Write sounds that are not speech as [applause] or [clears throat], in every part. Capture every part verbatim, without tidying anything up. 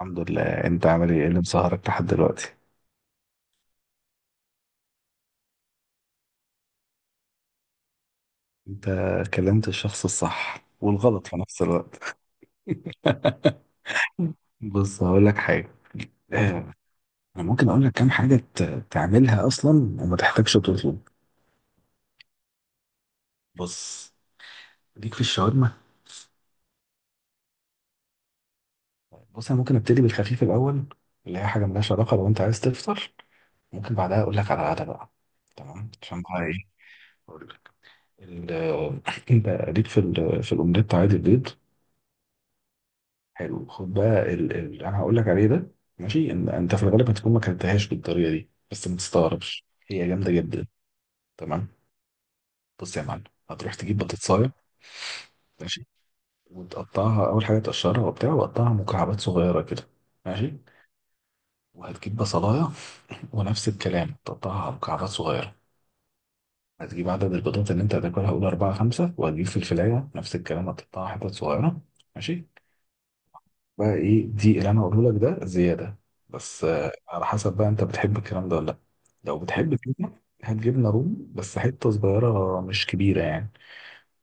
الحمد لله، انت عامل ايه؟ إيه اللي مسهرك لحد دلوقتي؟ انت كلمت الشخص الصح والغلط في نفس الوقت. [laughs] بص هقول لك حاجه. اه، انا ممكن اقول لك كام حاجه ت- تعملها اصلا وما تحتاجش تطلب. بص، ليك في الشاورما. بص، انا ممكن ابتدي بالخفيف الاول، اللي هي حاجه ملهاش علاقه لو انت عايز تفطر. ممكن بعدها اقول لك على العادة بقى، تمام؟ عشان بقى ايه اقول لك. ال- [laughs] انت ليك في ال- في الاومليت عادي، البيض. حلو، خد بقى ال... ال... انا هقول لك عليه ده. ماشي، إن... انت في الغالب هتكون ما كلتهاش بالطريقه دي، بس ما تستغربش. هي جامده جدا، تمام. بص يا معلم، هتروح تجيب بطاطسايه، ماشي. وتقطعها، اول حاجه تقشرها وبتاع، وتقطعها مكعبات صغيره كده، ماشي. وهتجيب بصلايه، [laughs] ونفس الكلام تقطعها على مكعبات صغيره. هتجيب عدد البيضات اللي انت هتاكلها، قول اربعه خمسه، وهتجيب فلفلايه، نفس الكلام هتقطعها حتت صغيره، ماشي. بقى ايه دي اللي انا هقوله لك ده زياده، بس آه، على حسب بقى انت بتحب الكلام ده ولا لا. لو بتحب كده، هات جبنه رومي، بس حته صغيره مش كبيره يعني.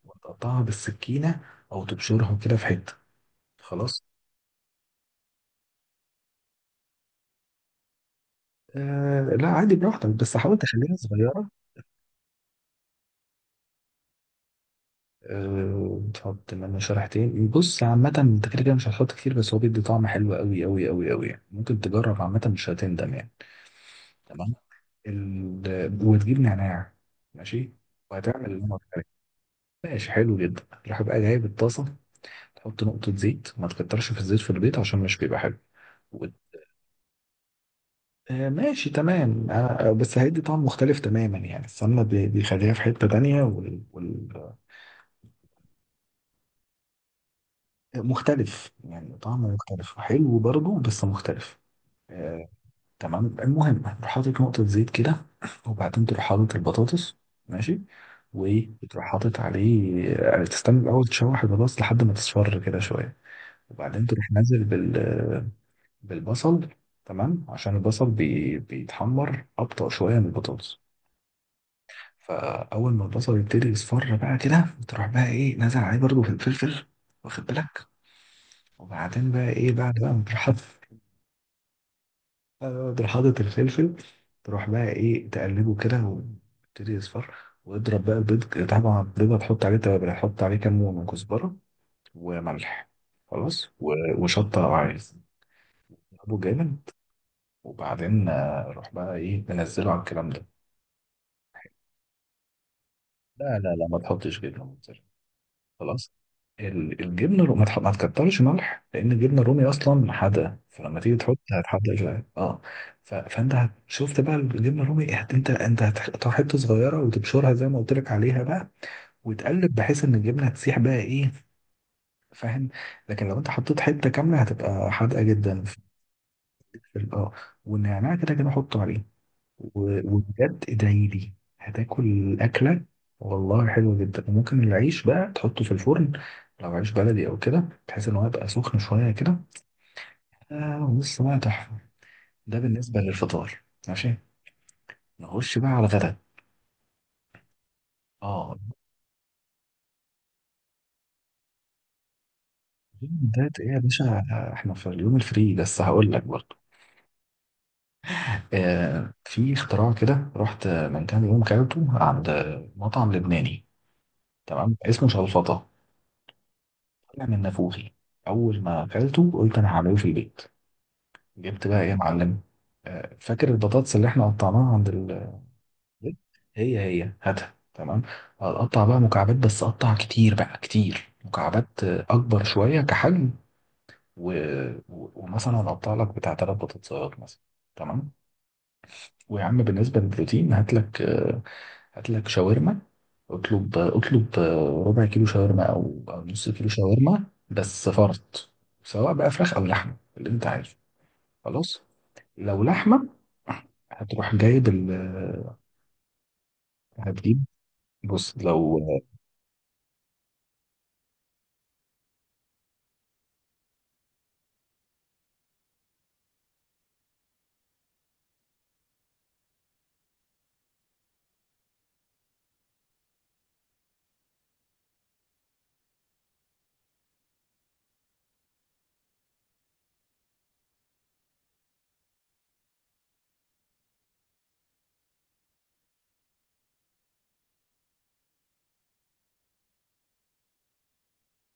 وتقطعها بالسكينه، او تبشرها كده في حته. خلاص، آه لا، عادي براحتك، بس حاول تخليها صغيره. آه، تحط منها شريحتين. بص عامه، انت كده كده مش هتحط كتير، بس هو بيدي طعم حلو قوي قوي قوي قوي يعني. ممكن تجرب، عامه مش هتندم يعني. تمام. ال... وتجيب نعناع، ماشي. وهتعمل اللي أنا قلت لك. ماشي، حلو جدا. تروح بقى جايب الطاسة. تحط نقطة زيت، ما تكترش في الزيت في البيض عشان مش بيبقى حلو. و- آه، ماشي تمام. آه، آه، بس هيدي طعم مختلف تماما يعني. السمنة بي- بيخليها في حتة تانية وال... وال... آه، مختلف يعني، طعمه مختلف حلو برضه بس مختلف. آه، تمام، المهم تروح حاطط نقطة زيت كده. وبعدين تروح حاطط البطاطس، ماشي. وتروح حاطط عليه، آه، تستنى الأول تشوح البطاطس لحد ما تصفر كده شوية. وبعدين تروح نازل بال بالبصل. تمام، عشان البصل بي... بيتحمر أبطأ شوية من البطاطس. فأول ما البصل يبتدي يصفر بقى كده، تروح بقى إيه نازل عليه برضه في الفلفل، واخد بالك. وبعدين بقى إيه، بعد بقى ما تروح حاطط [laughs] آه، تروح حاطط الفلفل. تروح بقى إيه تقلبه كده، ويبتدي يصفر. واضرب بقى البيض. طبعا البيض هتحط عليه توابل، هتحط عليه كمون وكزبرة وملح، خلاص و... وشطة لو عايز. اضربه جامد. وبعدين آه، روح بقى ايه منزله على الكلام ده. لا لا لا، ما تحطش جبنه موتزاريلا. خلاص. ال- الجبنه الرومي ما تح- ما تكترش ملح، لان الجبنه الرومي اصلا حادقه، فلما تيجي تحط هتحدق شويه، اه. ف... فانت هت- شفت بقى الجبنه الرومي هت... انت انت هتحطها حته صغيره، وتبشرها زي ما قلت لك عليها بقى. وتقلب بحيث ان الجبنه تسيح بقى، ايه فاهم. لكن لو انت حطيت حته كامله، هتبقى حادقه جدا في في ال- اه والنعناع كده كده حطه عليه. و- وبجد ادعي لي. هتاكل اكله والله حلوه جدا. وممكن العيش بقى تحطه في الفرن، لو عيش بلدي او كده، بحيث ان هو يبقى سخن شويه كده. آه، ولسه بقى تحفه. ده بالنسبه للفطار، ماشي. نخش بقى على الغدا. اه، اليوم ده ايه يا باشا؟ احنا في اليوم الفري، بس هقول لك برضه. آه في اختراع كده، رحت من كام يوم كلته عند مطعم لبناني. تمام، اسمه شلفطه. طلع من نافوخي. اول ما اكلته قلت انا هعمله في البيت. جبت بقى ايه يا معلم. آه، فاكر البطاطس اللي احنا قطعناها عند ال هي هي، هاتها، تمام. هتقطع بقى مكعبات، بس قطع كتير بقى، كتير مكعبات، آه، اكبر شويه كحجم. و... و... ومثلا هنقطع لك بتاع ثلاث بطاطسات مثلا، تمام. ويا عم، بالنسبه للبروتين، هات لك آه، هات لك شاورما. اطلب اطلب، آه، ربع كيلو شاورما او او نص كيلو شاورما، بس فرط. سواء بقى فراخ او لحمه، اللي انت عايزه. خلاص. لو لحمة هتروح جايب ال هتجيب. بص لو.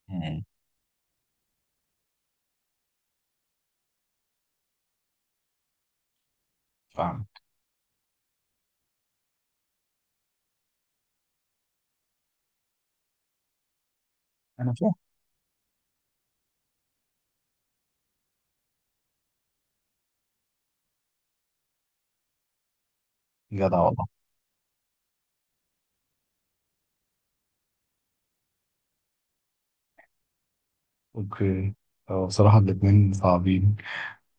مم. فاهم. أنا فاهم. جدع والله. أوكي. هو بصراحة الاتنين صعبين.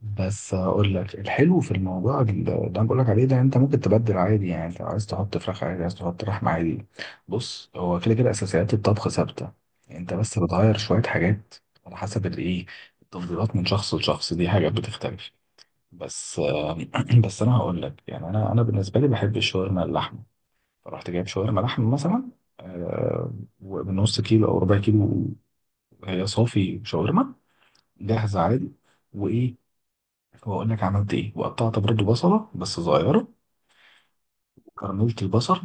بس أقول لك، الحلو في الموضوع ال- اللي أنا بقول لك عليه ده، أنت ممكن تبدل عادي يعني. أنت عايز تحط فراخ عادي، عايز تحط لحمة عادي. بص، هو كده كده أساسيات الطبخ ثابتة. أنت بس بتغير شوية حاجات، على حسب الإيه، التفضيلات من شخص لشخص، دي حاجات بتختلف. بس [clears throat] بس انا هقول لك يعني، انا انا بالنسبه لي بحب الشاورما اللحمه. فرحت جايب شاورما لحمه مثلا، آه، ومن نص كيلو او ربع كيلو. هي صافي شاورما جاهزه عادي. وايه، واقول لك عملت ايه. وقطعت برضو بصله بس صغيره. وكرملت البصل.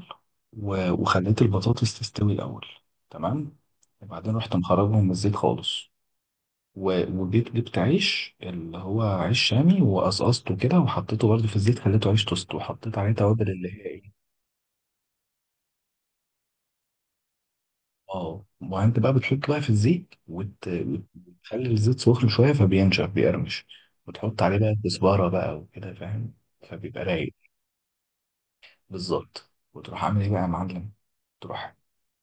و- وخليت البطاطس تستوي الاول، تمام. وبعدين رحت مخرجهم من الزيت خالص. و- وجيت جبت عيش، اللي هو عيش شامي، وقصقصته كده وحطيته برضه في الزيت، خليته عيش توست، وحطيت عليه توابل، اللي هي ايه. اه، ما انت بقى بتحط بقى في الزيت، وت... وت- وتخلي الزيت سخن شويه فبينشف، بيقرمش. وتحط عليه بقى كزبره بقى وكده، فاهم. فبيبقى رايق. بالظبط، وتروح عامل ايه بقى يا معلم. تروح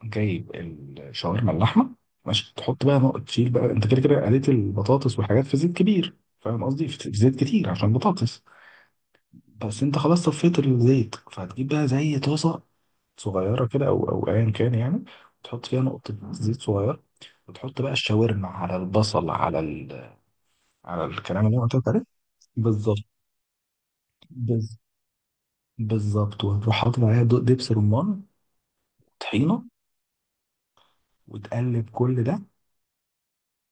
جايب الشاورما اللحمه، ماشي. تحط بقى نقط، تشيل بقى، انت كده كده قليت البطاطس والحاجات في زيت كبير، فاهم. قصدي في زيت كتير عشان بطاطس. بس انت خلاص صفيت الزيت، فهتجيب بقى زي طاسه صغيره كده، او او ايا كان يعني. تحط فيها نقطه زيت صغيره. وتحط بقى الشاورما على البصل، على ال... على الكلام اللي انا قلت لك عليه. بالظبط، بز... بالظبط وتروح حاطط عليها دو- دبس رمان. وطحينه، وتقلب كل ده،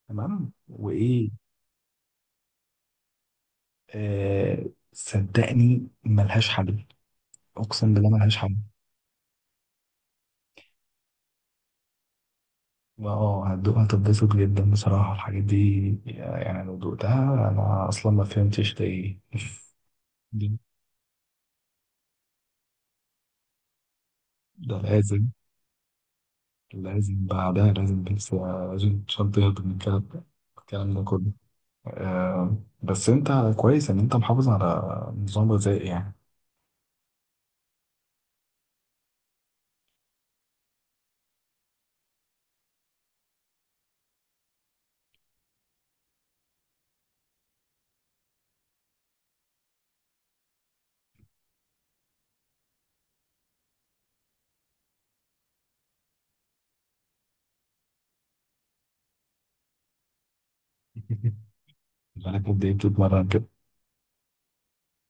تمام. وايه. آه... صدقني ملهاش حل. اقسم بالله ملهاش حل. اه، هتدوق هتتبسط جدا بصراحة الحاجات دي يعني. لو دوقتها أنا أصلا ما فهمتش ده إيه. [laughs] ده ده لازم، لازم بعدها لازم، بس آه، لازم عشان تهضم من الكلام ده، الكلام ده كله. آه، بس أنت كويس إن أنت محافظ على نظام غذائي يعني. [laughs] بقالك قد إيه بتتمرن كده؟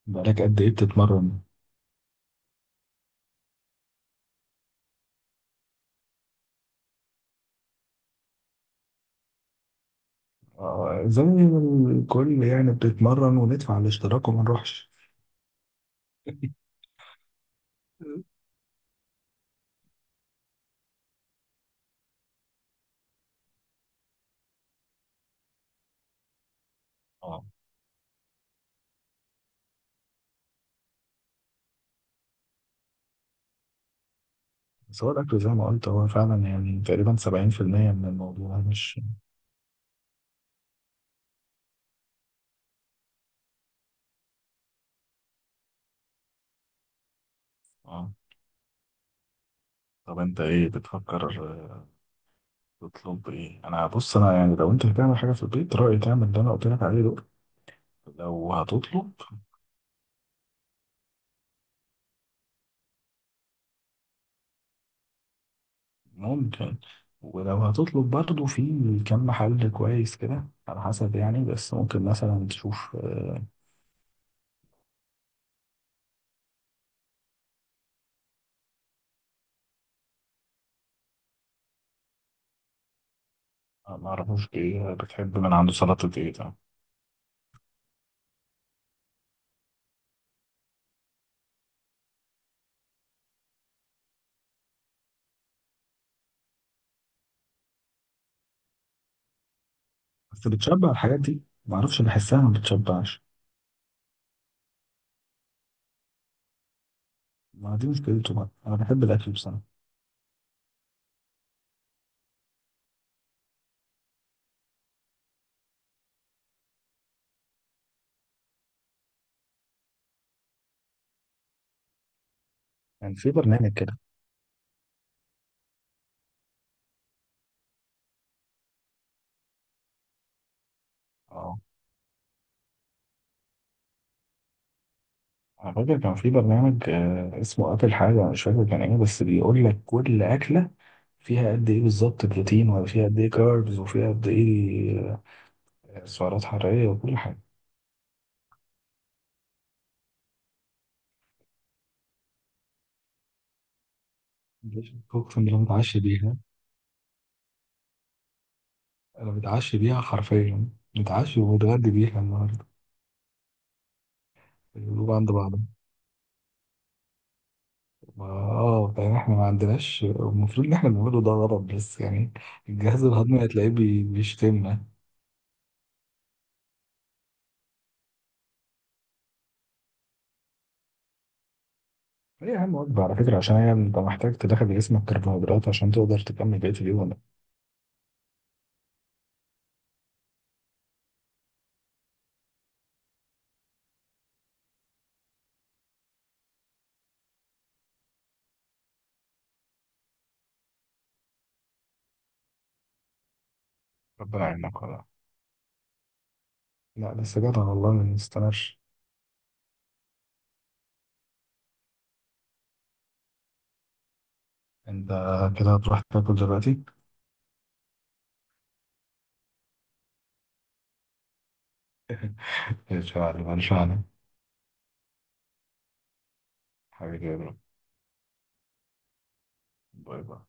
بقالك قد إيه بتتمرن؟ آه، زي ما الكل يعني، بتتمرن وندفع الاشتراك وما نروحش. اه، بس هو الأكل زي ما قلت، هو فعلا يعني تقريبا سبعين في المية من الموضوع، مش. اه، طب انت ايه بتفكر آه، تطلب ايه؟ انا، بص انا يعني، لو انت هتعمل حاجة في البيت، رأيي تعمل اللي انا قلت لك عليه دول. لو هتطلب ممكن. ولو هتطلب برضه، في كم محل كويس كده على حسب يعني، بس ممكن مثلا تشوف. آه، ما اعرفوش ايه بتحب من عنده، سلطة ايه ده. بس بتشبع الحاجات دي؟ ما اعرفش، بحسها ما بتشبعش. ما دي مشكلته بقى، انا بحب الاكل بصراحة. كان يعني في برنامج كده، اه انا فاكر كان في برنامج آه، اسمه اكل حاجه، مش فاكر كان ايه، بس بيقول لك كل اكله فيها قد ايه بالظبط بروتين، ولا فيها قد ايه كاربز، وفيها قد ايه. آه، سعرات حراريه وكل حاجه. مفيش، اقسم بالله متعشى بيها. انا متعشى بيها حرفيا، متعشى ومتغدى بيها النهارده. الجروب عند بعض. ما- اه يعني احنا ما عندناش، المفروض ان احنا بنعمله ده غلط، بس يعني الجهاز الهضمي هتلاقيه بي- بيشتمنا. هي أهم وجبة على فكرة، عشان هي أنت محتاج تدخل جسمك كربوهيدرات عشان تقدر تكمل بقية اليوم. ربنا يعينك والله. لا بس جدع والله، ما تستناش. أنت كده هتروح تاكل دلوقتي، إن شاء الله إن شاء الله. حبيبي يا برو، باي باي.